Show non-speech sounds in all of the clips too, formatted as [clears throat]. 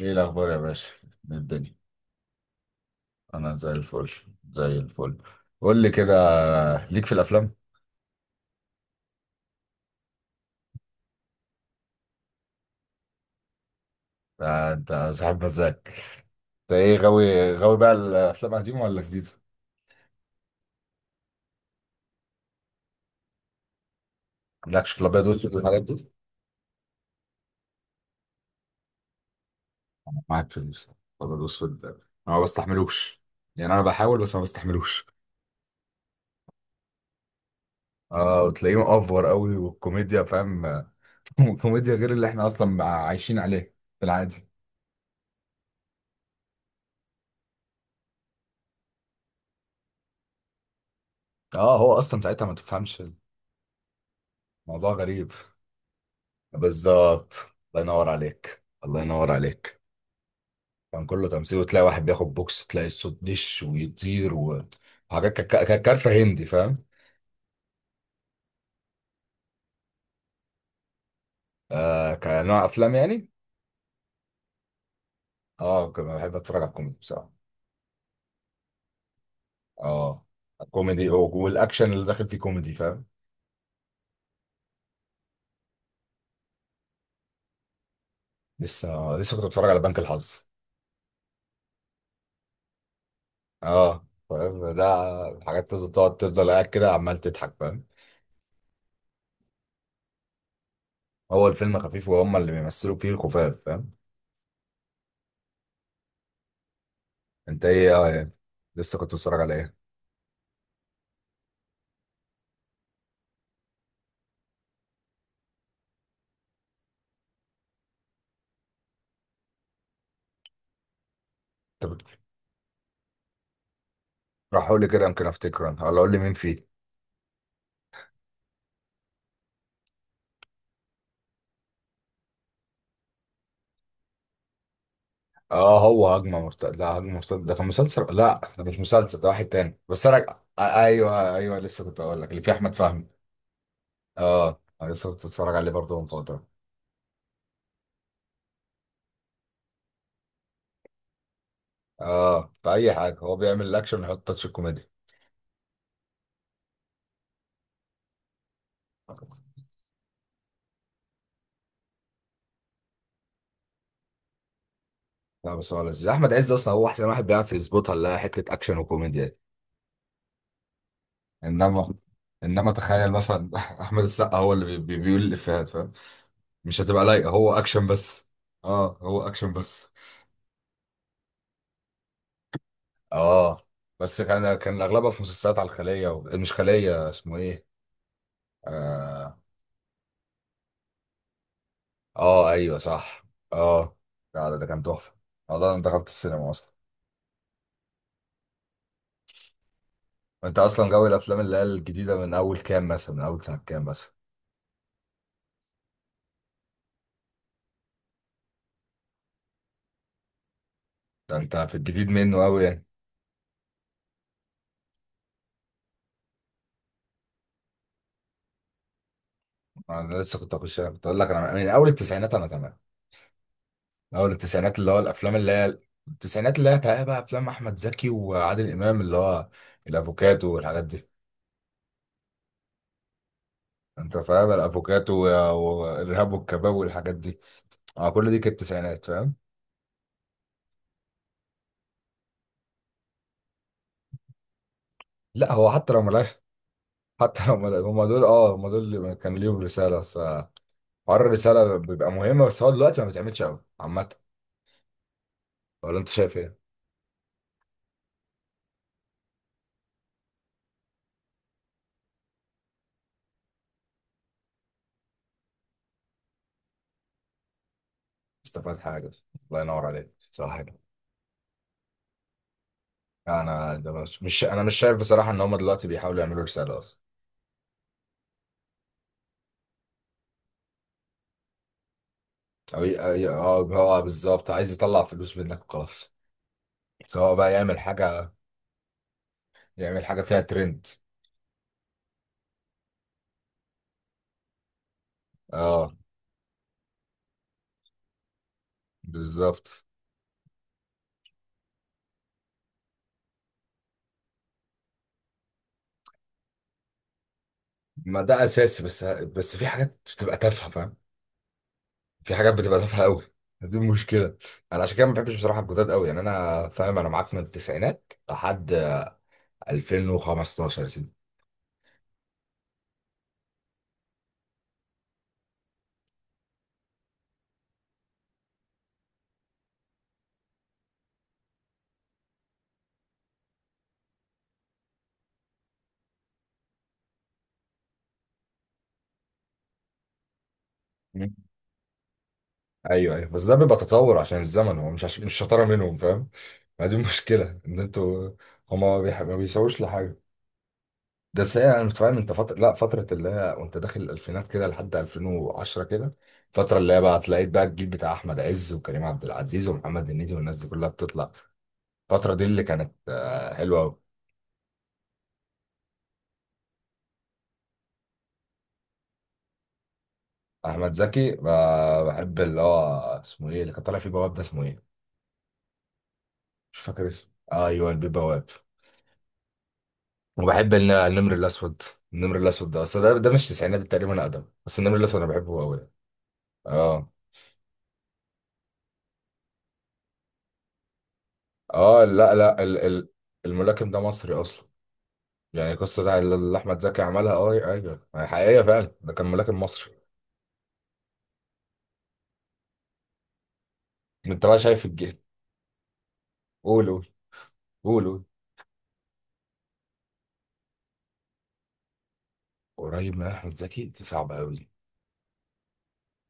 ايه الاخبار يا باشا؟ إيه الدنيا؟ انا زي الفل، زي الفل قول لي كده، ليك في الافلام؟ انت صاحب مزاج. انت ايه، غاوي بقى الافلام قديمه ولا جديده؟ مالكش في الابيض والاسود والحاجات دي؟ معاك في الابيض والاسود، انا ما بستحملوش، يعني انا بحاول بس ما بستحملوش. اه، وتلاقيه مأفور قوي، والكوميديا فاهم. [laughs] كوميديا غير اللي احنا اصلا عايشين عليه في العادي. اه، هو اصلا ساعتها ما تفهمش. الموضوع غريب، بالظبط. الله ينور عليك، الله ينور عليك. كان كله تمثيل، وتلاقي واحد بياخد بوكس تلاقي الصوت دش ويطير، وحاجات كانت كانت كارفه هندي فاهم. كنوع افلام يعني. اه كنت بحب اتفرج على الكوميدي بصراحه. اه، الكوميدي والاكشن اللي داخل فيه كوميدي فاهم. لسه لسه كنت بتفرج على بنك الحظ. اه فاهم ده. حاجات تفضل تقعد، تفضل قاعد كده عمال تضحك فاهم. هو الفيلم خفيف، وهم اللي بيمثلوا فيه الخفاف فاهم. انت ايه؟ يعني. لسه كنت بتتفرج على ايه؟ انت راح اقول لي كده يمكن افتكر انا، ولا اقول لي مين فيه. اه هو هجمه مرتد، لا هجمه مرتد ده كان مسلسل، لا ده مش مسلسل، ده واحد تاني، بس انا. ايوه ايوه، لسه كنت اقول لك اللي فيه احمد فهمي. اه أنا لسه كنت بتفرج عليه برضه من فتره. اه، في اي حاجه هو بيعمل الاكشن ويحط تاتش الكوميديا. لا بس هو لذيذ، احمد عز اصلا هو احسن واحد بيعرف يظبطها اللي هي حته اكشن وكوميديا دي. انما، تخيل مثلا [laughs] احمد السقا هو اللي بيقول الافيهات فاهم. مش هتبقى لايقه، هو اكشن بس. اه هو اكشن بس. اه بس كان، كان اغلبها في مسلسلات على الخليه و... مش خليه، اسمه ايه؟ اه. آه ايوه صح. اه لا ده كان تحفه، والله انا دخلت السينما اصلا. انت اصلا غاوي الافلام اللي هي الجديده من اول كام مثلا، من اول سنه كام مثلا؟ ده انت في الجديد منه قوي يعني. انا لسه كنت اخش كنت اقول لك، انا من اول التسعينات انا تمام، من اول التسعينات اللي هو الافلام اللي هي التسعينات اللي هي بقى افلام احمد زكي وعادل امام اللي هو الافوكاتو والحاجات دي. انت فاهم الافوكاتو والارهاب والكباب والحاجات دي، اه كل دي كانت التسعينات فاهم. لا هو حتى لو ملاش. [laughs] حتى لو هم دول، اه هم دول اللي كان ليهم رساله، بس حوار الرساله بيبقى مهم، بس هو دلوقتي ما بيتعملش قوي عامه. ولا انت شايف ايه؟ استفاد حاجه. الله ينور عليك، صح كده. انا ده انا مش شايف بصراحه ان هم دلوقتي بيحاولوا يعملوا رساله اصلا. اه هو بالظبط عايز يطلع فلوس منك وخلاص، سواء بقى يعمل حاجه، يعمل حاجه فيها ترند. اه بالظبط. ما ده اساسي، بس في حاجات بتبقى تافهه فاهم، في حاجات بتبقى تافهه قوي، دي المشكله. انا عشان كده ما بحبش بصراحه الجداد قوي، يعني انا فاهم، انا معاك من التسعينات لحد 2015 يا سيدي. مم. ايوه ايوه، بس ده بيبقى تطور عشان الزمن، هو مش شطاره منهم فاهم. ما دي [laughs] المشكله ان انتوا، هما ما بيسووش لحاجه. ده ساعة، انا فاهم انت فتره لا فتره اللي هي وانت داخل الالفينات كده لحد 2010 كده، الفتره اللي هي بقى تلاقيت بقى الجيل بتاع احمد عز وكريم عبد العزيز ومحمد هنيدي والناس دي كلها بتطلع. الفترة دي اللي كانت حلوة أوي. أحمد زكي، بحب اللي هو اسمه إيه اللي كان طالع فيه بواب، ده اسمه إيه؟ مش فاكر اسمه، أيوه البيه بواب. وبحب النمر الأسود. النمر الأسود ده أصل ده مش تسعينات، ده تقريبا أقدم، بس النمر الأسود أنا بحبه أوي يعني. آه. آه لا لا ال ال الملاكم ده مصري أصلا، يعني القصة بتاع اللي أحمد زكي عملها. أه أيوه أيوه. يعني حقيقية فعلا، ده كان ملاكم مصري. أنت بقى شايف الجهد. قول قول. قول قول. قريب من أحمد زكي دي صعبة أوي،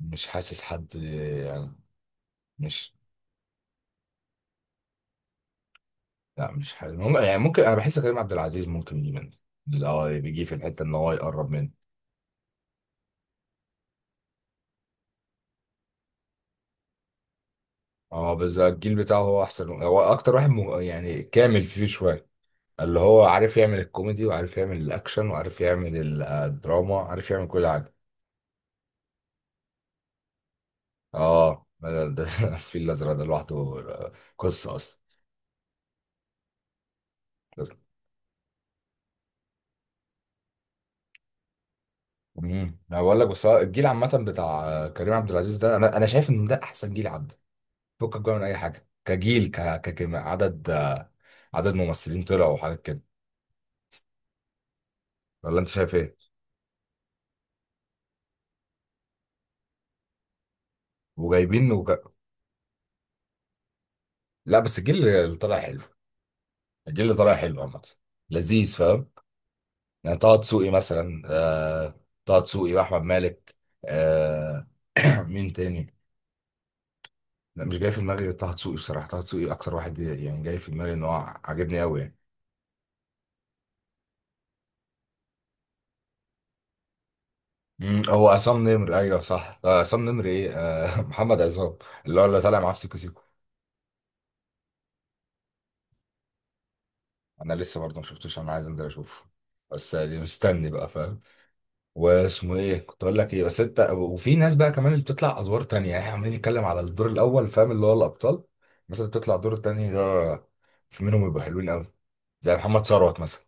مش حاسس حد يعني. مش لا مش حلو، يعني ممكن، انا بحس كريم عبد العزيز ممكن يجي منه، اللي هو بيجي في الحته ان هو يقرب منه. اه بس الجيل بتاعه هو احسن، هو اكتر واحد يعني كامل فيه شويه، اللي هو عارف يعمل الكوميدي وعارف يعمل الاكشن وعارف يعمل الدراما، عارف يعمل كل حاجه. اه ده [laughs] الفيل الازرق ده لوحده قصه اصلا. انا بقول لك، بس هو الجيل عامه بتاع كريم عبد العزيز ده، انا شايف ان ده احسن جيل. فكك بقى من اي حاجه كجيل عدد، عدد ممثلين طلعوا وحاجات كده، ولا انت شايف ايه؟ وجايبين وك... لا بس الجيل اللي طالع حلو، الجيل اللي طالع حلو عامه، لذيذ فاهم. يعني طه دسوقي مثلا، طه دسوقي واحمد مالك. آه... [clears throat] مين تاني؟ لا مش جاي في دماغي غير طه دسوقي بصراحه، طه دسوقي اكتر واحد يعني جاي في دماغي ان هو عاجبني قوي يعني. هو عصام نمر، ايوه صح، عصام نمر ايه؟ [laughs] محمد عصام اللي هو اللي طالع معاه في سيكو سيكو. انا لسه برضه ما شفتوش، انا عايز انزل اشوفه، بس يعني مستني بقى فاهم. واسمه ايه كنت اقول لك ايه، بس انت وفي ناس بقى كمان اللي بتطلع ادوار تانية، يعني عمالين نتكلم على الدور الاول فاهم، اللي هو الابطال، بس اللي بتطلع دور تاني ده في منهم يبقوا حلوين قوي، زي محمد ثروت مثلا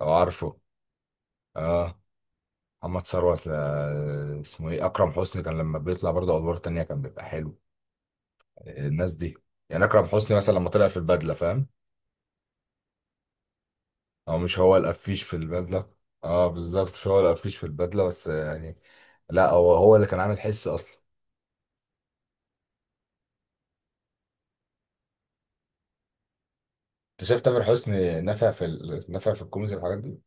لو عارفه. اه محمد ثروت، اسمه ايه، اكرم حسني كان لما بيطلع برضه ادوار تانية كان بيبقى حلو، الناس دي. يعني اكرم حسني مثلا لما طلع في البدله فاهم، او مش هو القفيش في البدله؟ اه بالظبط، مش هو القفيش في البدله بس يعني، لا هو هو اللي كان عامل حس اصلا. انت شايف تامر حسني نفع في نفع في الكوميدي والحاجات دي؟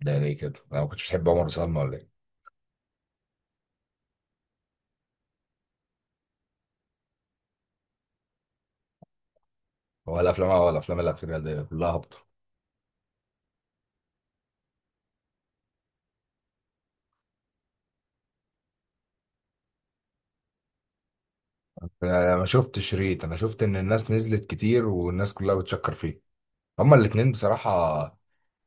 ده ليه كده، انا ما كنتش بحب عمر وسلمى ولا ايه؟ هو الافلام، الاخيره دي كلها هابطه. انا ما شفتش شريط، انا شفت ان الناس نزلت كتير والناس كلها بتشكر فيه. هما الاتنين بصراحه،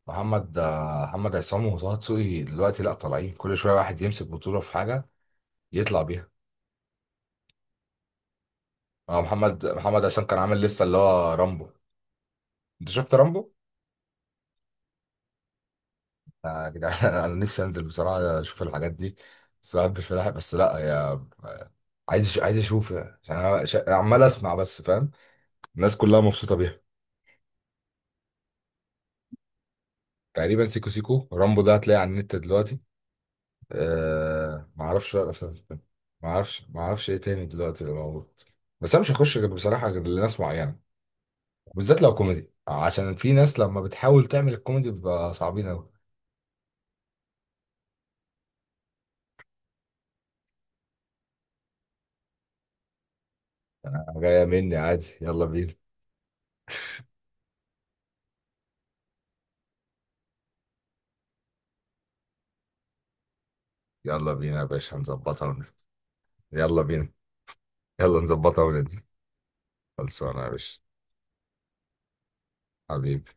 محمد محمد عصام وطه دسوقي دلوقتي لا طالعين كل شويه واحد يمسك بطوله في حاجه يطلع بيها. اه محمد عصام كان عامل لسه اللي هو رامبو. انت شفت رامبو؟ يا جدعان [laughs] انا نفسي انزل بصراحه اشوف الحاجات دي، بس ما بحبش فلاحة بس لا يا، عايز اشوف يعني، عشان انا عمال اسمع بس فاهم، الناس كلها مبسوطه بيها. تقريبا سيكو سيكو، رامبو ده هتلاقيه على النت دلوقتي. أه ما اعرفش بقى ما اعرفش ايه تاني دلوقتي اللي موجود، بس انا مش هخش غير بصراحه غير لناس معينه، بالذات لو كوميدي عشان في ناس لما بتحاول تعمل الكوميدي بيبقى صعبين قوي. انا جايه مني عادي، يلا بينا. يلا بينا يا باشا نظبطها. يلا بينا، يلا نظبطها وندي. خلصانة يا باشا. حبيبي.